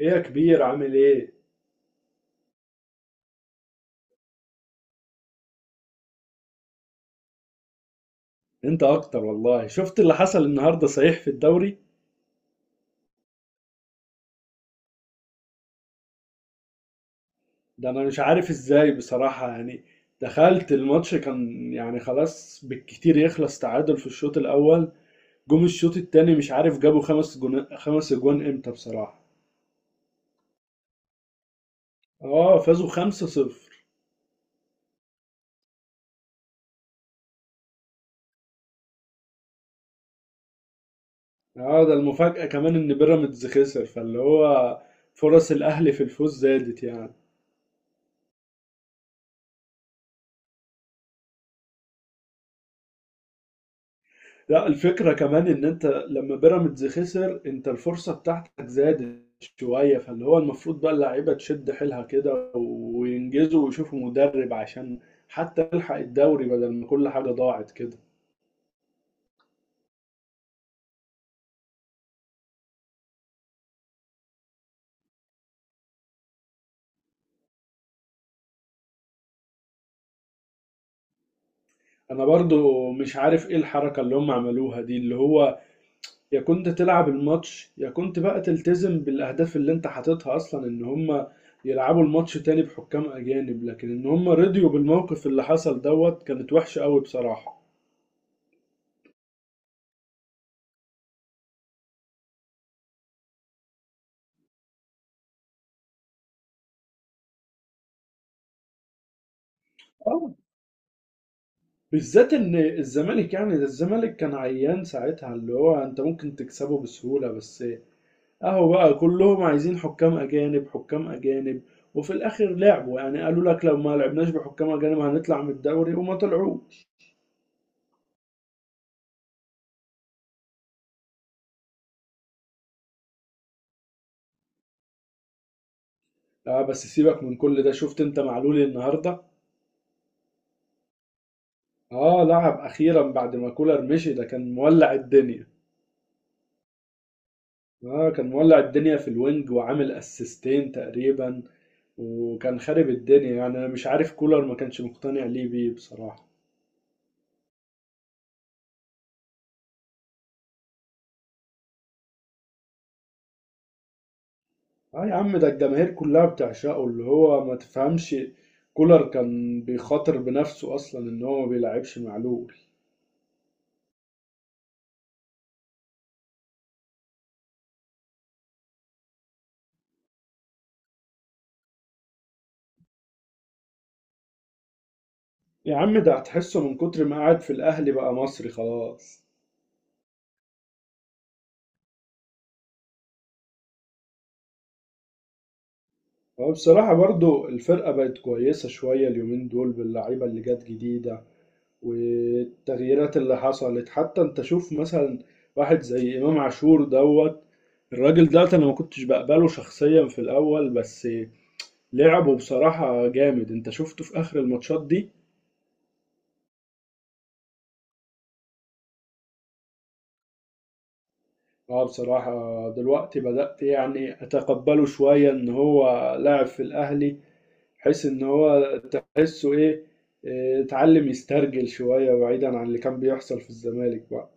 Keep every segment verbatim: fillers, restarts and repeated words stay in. ايه يا كبير عامل ايه؟ انت اكتر والله. شفت اللي حصل النهارده صحيح في الدوري؟ ده انا مش عارف ازاي بصراحة يعني. دخلت الماتش كان يعني خلاص بالكتير يخلص تعادل في الشوط الاول. جم الشوط التاني مش عارف جابوا خمس جون خمس اجوان امتى بصراحة. اه فازوا خمسة صفر. اه ده المفاجأة كمان ان بيراميدز خسر، فاللي هو فرص الاهلي في الفوز زادت يعني. لا، الفكرة كمان ان انت لما بيراميدز خسر انت الفرصة بتاعتك زادت شوية، فاللي هو المفروض بقى اللعيبة تشد حيلها كده وينجزوا ويشوفوا مدرب عشان حتى يلحق الدوري بدل ما كل حاجة ضاعت كده. انا برضو مش عارف ايه الحركة اللي هم عملوها دي، اللي هو يا كنت تلعب الماتش يا كنت بقى تلتزم بالاهداف اللي انت حاططها اصلا، ان هم يلعبوا الماتش تاني بحكام اجانب، لكن ان هم رضيوا بالموقف اللي حصل دوت كانت وحشة قوي بصراحة. بالذات ان الزمالك يعني ده الزمالك كان عيان ساعتها، اللي هو انت ممكن تكسبه بسهولة، بس اهو بقى كلهم عايزين حكام اجانب حكام اجانب. وفي الاخر لعبوا، يعني قالوا لك لو ما لعبناش بحكام اجانب هنطلع من الدوري، وما طلعوش. اه بس سيبك من كل ده، شفت انت معلول النهارده. اه لعب اخيرا بعد ما كولر مشي، ده كان مولع الدنيا. اه كان مولع الدنيا في الوينج وعامل اسيستين تقريبا، وكان خارب الدنيا يعني. انا مش عارف كولر ما كانش مقتنع ليه بيه بصراحة. اه يا عم ده الجماهير كلها بتعشقه، اللي هو ما تفهمش. كولر كان بيخاطر بنفسه اصلا ان هو ما بيلعبش معلول. يا عم ده هتحسه من كتر ما قعد في الاهلي بقى مصري خلاص. هو بصراحة برضو الفرقة بقت كويسة شوية اليومين دول باللعيبة اللي جت جديدة والتغييرات اللي حصلت، حتى انت شوف مثلا واحد زي امام عاشور دوت. الراجل ده انا ما كنتش بقبله شخصيا في الاول، بس لعبه بصراحة جامد. انت شفته في اخر الماتشات دي؟ اه بصراحة. دلوقتي بدأت يعني أتقبله شوية إن هو لاعب في الأهلي، بحيث إن هو تحسه إيه إيه، اتعلم يسترجل شوية بعيدا عن اللي كان بيحصل في الزمالك بقى.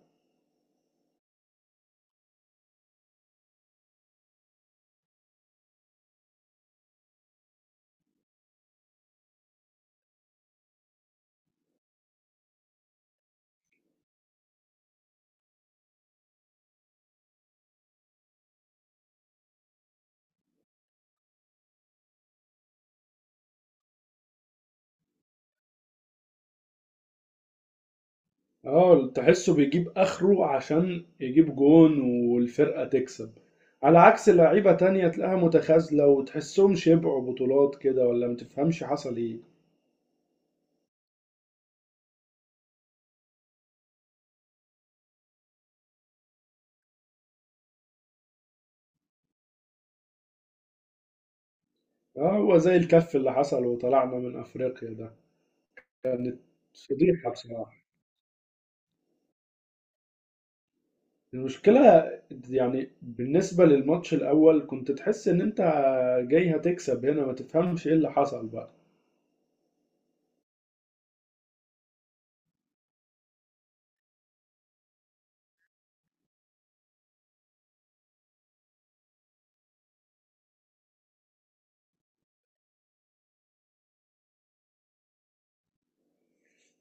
اه تحسه بيجيب آخره عشان يجيب جون والفرقة تكسب، على عكس لعيبة تانية تلاقيها متخاذلة وتحسهم شبعوا بطولات كده، ولا متفهمش حصل إيه. اه هو زي الكف اللي حصل وطلعنا من أفريقيا ده. فضيحة بصراحة. المشكلة يعني بالنسبة للماتش الأول كنت تحس إن أنت جاي هتكسب، هنا ما تفهمش إيه اللي حصل بقى.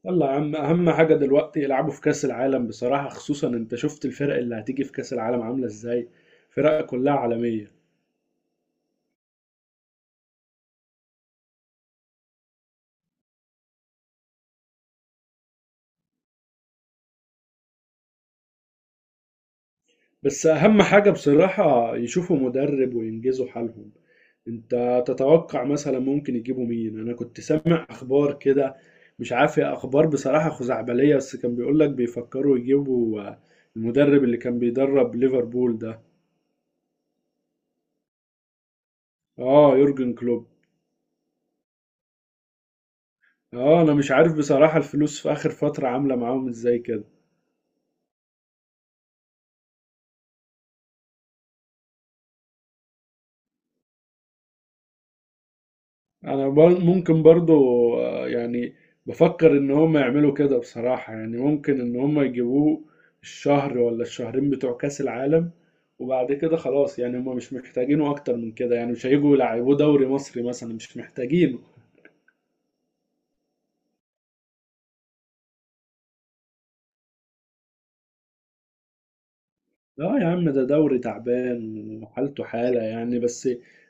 يلا يا عم أهم حاجة دلوقتي يلعبوا في كأس العالم بصراحة، خصوصا أنت شفت الفرق اللي هتيجي في كأس العالم عاملة إزاي، فرق كلها عالمية. بس أهم حاجة بصراحة يشوفوا مدرب وينجزوا حالهم. انت تتوقع مثلا ممكن يجيبوا مين؟ انا كنت سامع اخبار كده، مش عارف هي اخبار بصراحة خزعبلية، بس كان بيقول لك بيفكروا يجيبوا آه، المدرب اللي كان بيدرب ليفربول ده. اه يورجن كلوب. اه انا مش عارف بصراحة الفلوس في اخر فترة عاملة معاهم ازاي كده. انا بر- ممكن برضو آه، يعني بفكر ان هم يعملوا كده بصراحة، يعني ممكن ان هم يجيبوه الشهر ولا الشهرين بتوع كأس العالم، وبعد كده خلاص يعني هم مش محتاجينه اكتر من كده، يعني مش هيجوا يلعبوه دوري مصري مثلا، مش محتاجينه. لا يا عم ده دوري تعبان وحالته حالة يعني. بس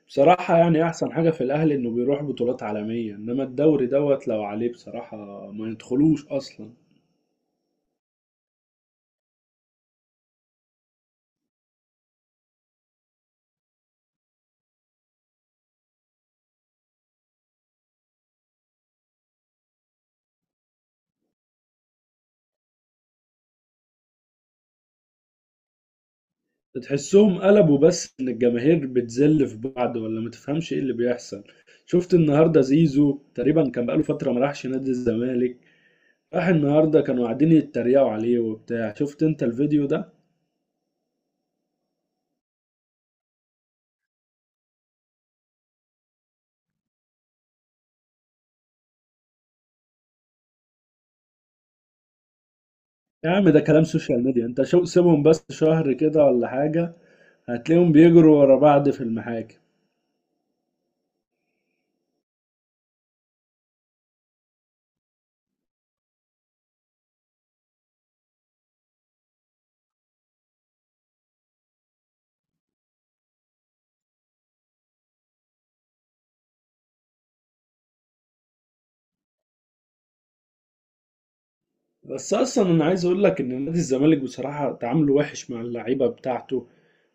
بصراحة يعني احسن حاجة في الاهلي انه بيروح بطولات عالمية، انما الدوري دوت لو عليه بصراحة ما يدخلوش اصلا. تحسهم قلبوا بس ان الجماهير بتذل في بعض، ولا ما تفهمش ايه اللي بيحصل. شفت النهارده زيزو تقريبا كان بقاله فتره ما راحش نادي الزمالك، راح النهارده كانوا قاعدين يتريقوا عليه وبتاع. شفت انت الفيديو ده؟ يا عم ده كلام سوشيال ميديا، انت شو سيبهم بس شهر كده ولا حاجه، هتلاقيهم بيجروا ورا بعض في المحاكم. بس اصلا انا عايز اقول لك ان نادي الزمالك بصراحه تعامله وحش مع اللعيبه بتاعته.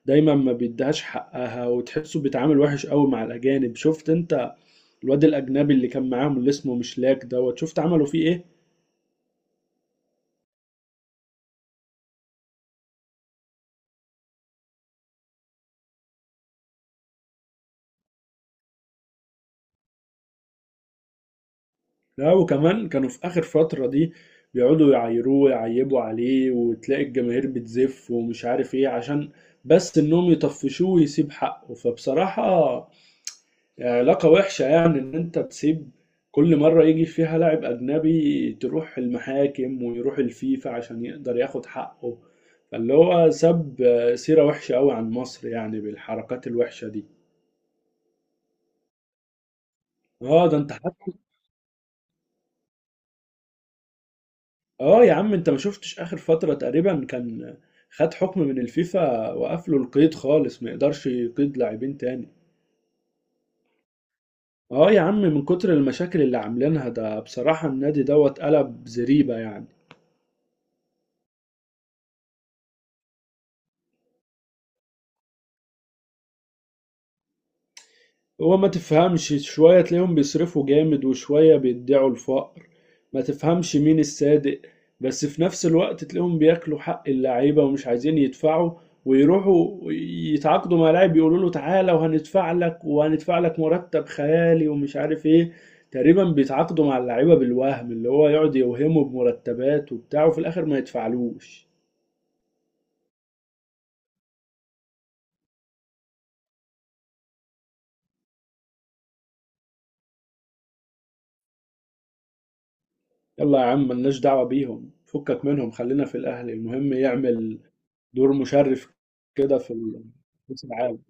دايما ما بيديهاش حقها، وتحسه بيتعامل وحش قوي مع الاجانب. شفت انت الواد الأجنبي اللي كان معاهم اللي اسمه مشلاك دوت شفت عملوا فيه إيه؟ لا وكمان كانوا في آخر فترة دي بيقعدوا يعايروه ويعيبوا عليه، وتلاقي الجماهير بتزف ومش عارف إيه، عشان بس إنهم يطفشوه ويسيب حقه. فبصراحة علاقة وحشة، يعني إن أنت تسيب، كل مرة يجي فيها لاعب أجنبي تروح المحاكم ويروح الفيفا عشان يقدر ياخد حقه، فاللي هو ساب سيرة وحشة أوي عن مصر يعني بالحركات الوحشة دي. اه ده انت حتى. اه يا عم انت ما شفتش اخر فترة تقريبا كان خد حكم من الفيفا وقفله القيد خالص ما يقدرش يقيد لاعبين تاني. اه يا عم من كتر المشاكل اللي عاملينها ده بصراحة النادي دوت قلب زريبة يعني. هو ما تفهمش شوية تلاقيهم بيصرفوا جامد، وشوية بيدعوا الفقر، ما تفهمش مين الصادق. بس في نفس الوقت تلاقيهم بياكلوا حق اللعيبة ومش عايزين يدفعوا، ويروحوا يتعاقدوا مع لاعب يقولوا له تعالى وهندفع لك وهندفع لك مرتب خيالي ومش عارف ايه. تقريبا بيتعاقدوا مع اللعيبة بالوهم اللي هو يقعد يوهمه بمرتبات وبتاع، وفي الآخر ما يدفعلوش. يلا يا عم ملناش دعوة بيهم، فكك منهم خلينا في الأهلي، المهم يعمل دور مشرف كده في ال- كأس العالم.